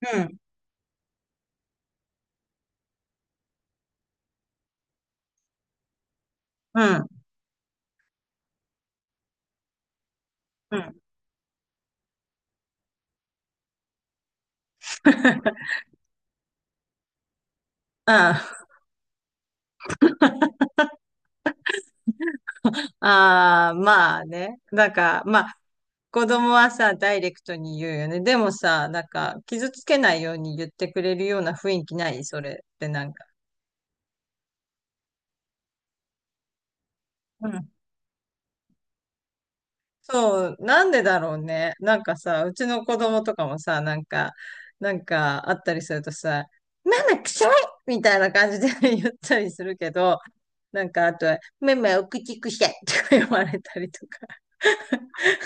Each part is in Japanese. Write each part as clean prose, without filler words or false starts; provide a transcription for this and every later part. うん、うん、うん。うんああー、まあね。なんか、まあ、子供はさ、ダイレクトに言うよね。でもさ、なんか、傷つけないように言ってくれるような雰囲気ないそれってなんか。うん。そう、なんでだろうね。なんかさ、うちの子供とかもさ、なんか、なんかあったりするとさ、ママ臭いみたいな感じで 言ったりするけど、なんかあとは、ママお口臭いとか言われたりとか。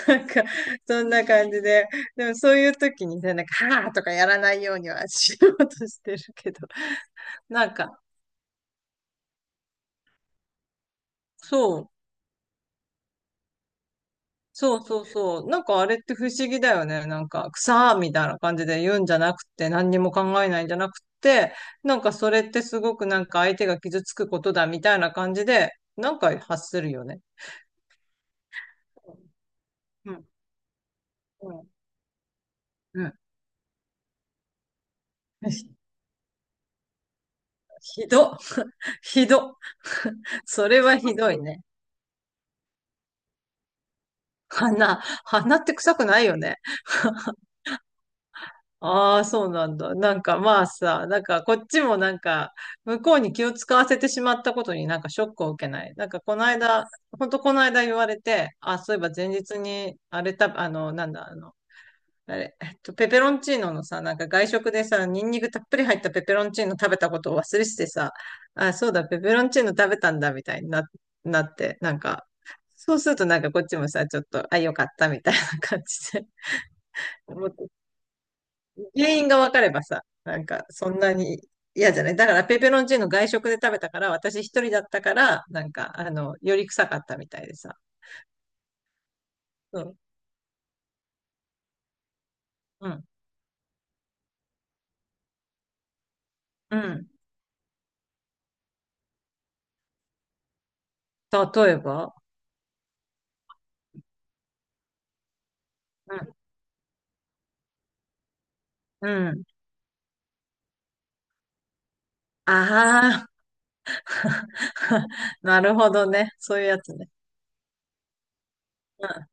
なんか、そんな感じで。でもそういう時にね、なんか、はぁとかやらないようにはしようとしてるけど。なんか、そう、そうそうそう。なんかあれって不思議だよね。なんか、くさーみたいな感じで言うんじゃなくて、何にも考えないんじゃなくて、なんかそれってすごくなんか相手が傷つくことだみたいな感じで、なんか発するよね。うん、うん、うん。ひひどっ、ひどっ。それはひどいね。鼻。鼻って臭くないよね。ああ、そうなんだ。なんかまあさ、なんかこっちもなんか向こうに気を使わせてしまったことになんかショックを受けない。なんかこの間、ほんとこの間言われて、あ、そういえば前日に、あれた、あの、なんだ、あの、あれ、ペペロンチーノのさ、なんか外食でさ、ニンニクたっぷり入ったペペロンチーノ食べたことを忘れしてさ、あ、そうだ、ペペロンチーノ食べたんだ、みたいにな、なって、なんか、そうするとなんかこっちもさ、ちょっと、あ、よかった、みたいな感じで。原因が分かればさ、なんかそんなに嫌じゃない。だからペペロンチーノ外食で食べたから、私一人だったから、なんか、あの、より臭かったみたいでさ。そう。うん。うん。例えばうん。うん。ああ、なるほどね。そういうやつね。うん。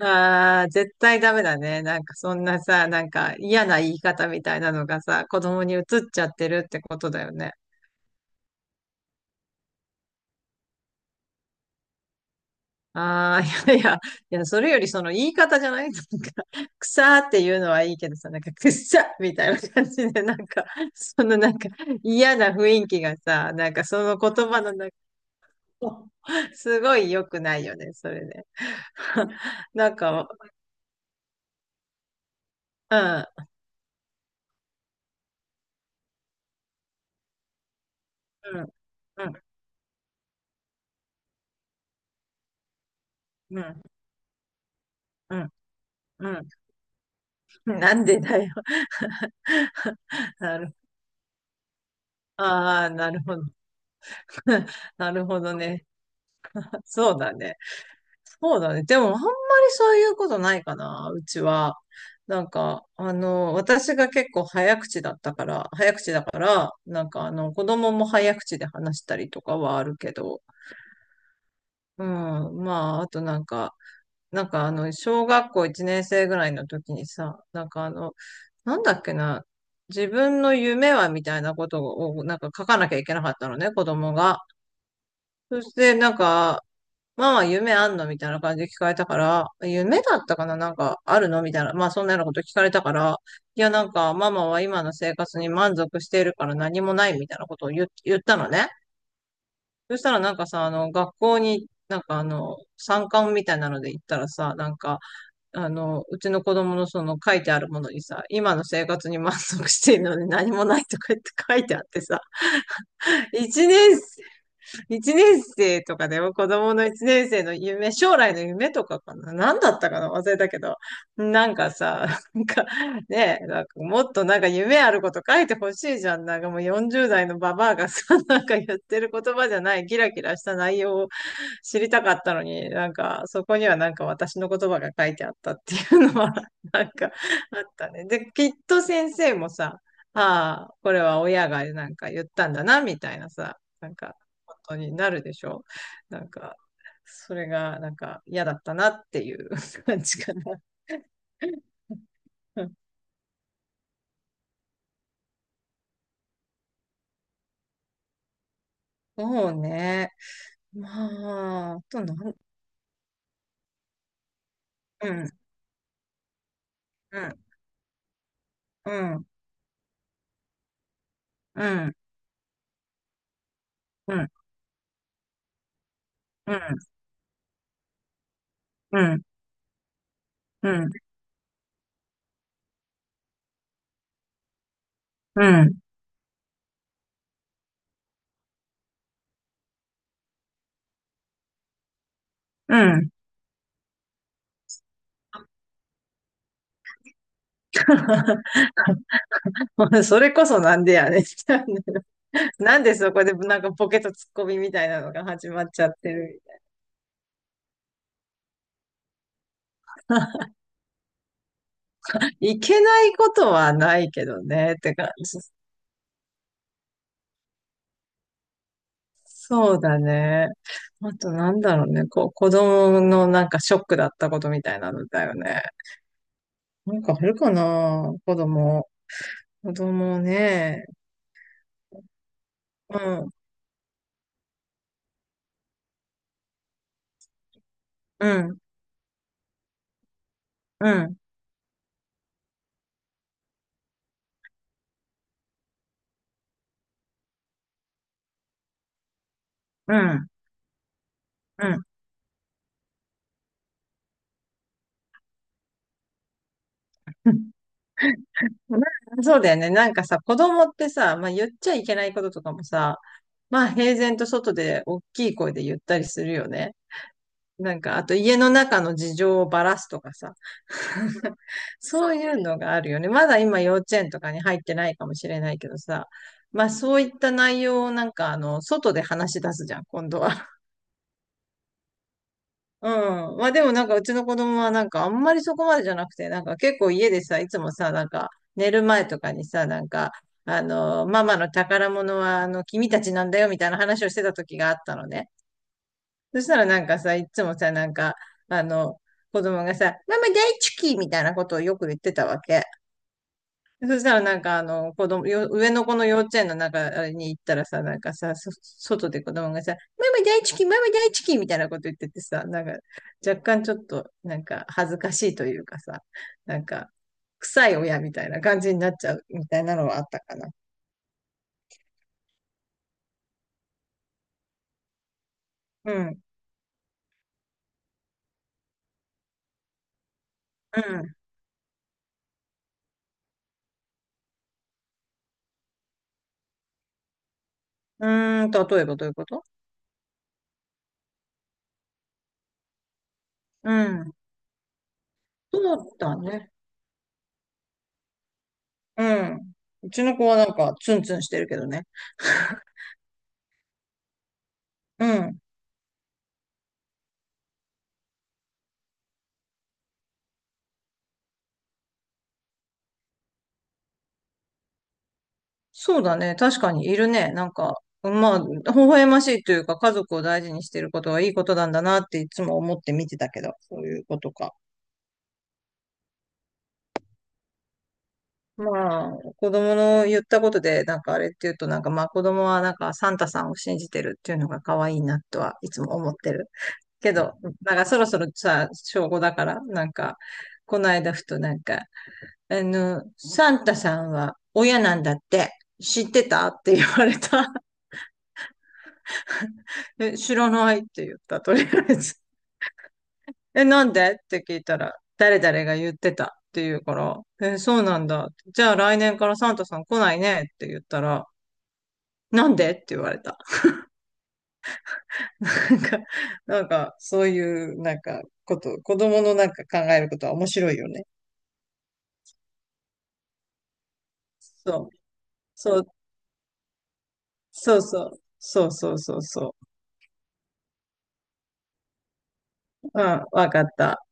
ああ、絶対ダメだね。なんかそんなさ、なんか嫌な言い方みたいなのがさ、子供に移っちゃってるってことだよね。ああ、いやいや、いや、それよりその言い方じゃないなんか、草っていうのはいいけどさ、なんか、くっさみたいな感じで、なんか、そのなんか、嫌な雰囲気がさ、なんかその言葉の中、すごい良くないよね、それね。なんか、うん、うん、うん、うん、うん、うん、なんでだよ。なる、ああ、なるほど。なるほどね。そうだね。そうだね。でも、あんまりそういうことないかな、うちは。なんか、あの、私が結構早口だったから、早口だから、なんかあの、子供も早口で話したりとかはあるけど、うん、まあ、あとなんか、なんかあの、小学校1年生ぐらいの時にさ、なんかあの、なんだっけな、自分の夢はみたいなことをなんか書かなきゃいけなかったのね、子供が。そしてなんか、ママ夢あんのみたいな感じで聞かれたから、夢だったかななんかあるのみたいな、まあそんなようなこと聞かれたから、いやなんかママは今の生活に満足しているから何もないみたいなことを言ったのね。そしたらなんかさ、あの学校になんかあの参観みたいなので行ったらさ、なんかあのうちの子供のその書いてあるものにさ、今の生活に満足しているので何もないとか言って書いてあってさ、一年 一年生とかでも子供の一年生の夢、将来の夢とかかな。何だったかな忘れたけど。なんかさ、なんかねえ、なんかもっとなんか夢あること書いてほしいじゃん。なんかもう40代のババアがさ、なんか言ってる言葉じゃない、キラキラした内容を知りたかったのに、なんか、そこにはなんか私の言葉が書いてあったっていうのは なんかあったね。で、きっと先生もさ、ああ、これは親がなんか言ったんだな、みたいなさ、なんか、ことになるでしょなんか、それがなんか嫌だったなっていう 感じかな。そうね。まあ、あとなん、うん、うん、うん、うん、うん、うん、うん、うん、うん。うん それこそなんでやねんみたいな。なんでそこでなんかポケットツッコミみたいなのが始まっちゃってる。いけないことはないけどね、って感じ。そうだね。あとなんだろうね、こう、子供のなんかショックだったことみたいなのだよね。なんかあるかな、子供。子供ね。うん、うん、うん、うん、うん。なそうだよね。なんかさ、子供ってさ、まあ言っちゃいけないこととかもさ、まあ平然と外で大きい声で言ったりするよね。なんか、あと家の中の事情をばらすとかさ。そういうのがあるよね。まだ今幼稚園とかに入ってないかもしれないけどさ、まあそういった内容をなんかあの、外で話し出すじゃん、今度は。うん。まあでもなんかうちの子供はなんかあんまりそこまでじゃなくて、なんか結構家でさ、いつもさ、なんか寝る前とかにさ、なんか、あの、ママの宝物はあの、君たちなんだよみたいな話をしてた時があったのね。そしたらなんかさ、いつもさ、なんか、あの、子供がさ、ママ大好きみたいなことをよく言ってたわけ。そしたらなんかあの子供、上の子の幼稚園の中に行ったらさ、なんかさ、外で子供がさ、ママ大好き、ママ大好きみたいなこと言っててさ、なんか若干ちょっとなんか恥ずかしいというかさ、なんか臭い親みたいな感じになっちゃうみたいなのはあったかな。うん。うん。うーん、例えばどういうこと？うん。そうだね。うん。うちの子はなんかツンツンしてるけどね。うん。そうだね。確かにいるね。なんか、まあ、微笑ましいというか、家族を大事にしていることはいいことなんだなっていつも思って見てたけど、そういうことか。まあ、子供の言ったことで、なんかあれって言うと、なんかまあ子供はなんかサンタさんを信じてるっていうのが可愛いなとはいつも思ってる。けど、なんかそろそろさ、小5だから、なんか、この間ふとなんか、あの、サンタさんは親なんだって知ってたって言われた。え、知らないって言った、とりあえず。え、なんでって聞いたら、誰々が言ってたって言うから、え、そうなんだ。じゃあ来年からサンタさん来ないねって言ったら、なんでって言われた。なんか、なんか、そういう、なんか、こと、子供のなんか考えることは面白いよね。そう、そう、そうそう、そうそうそうそう。うん、わかった。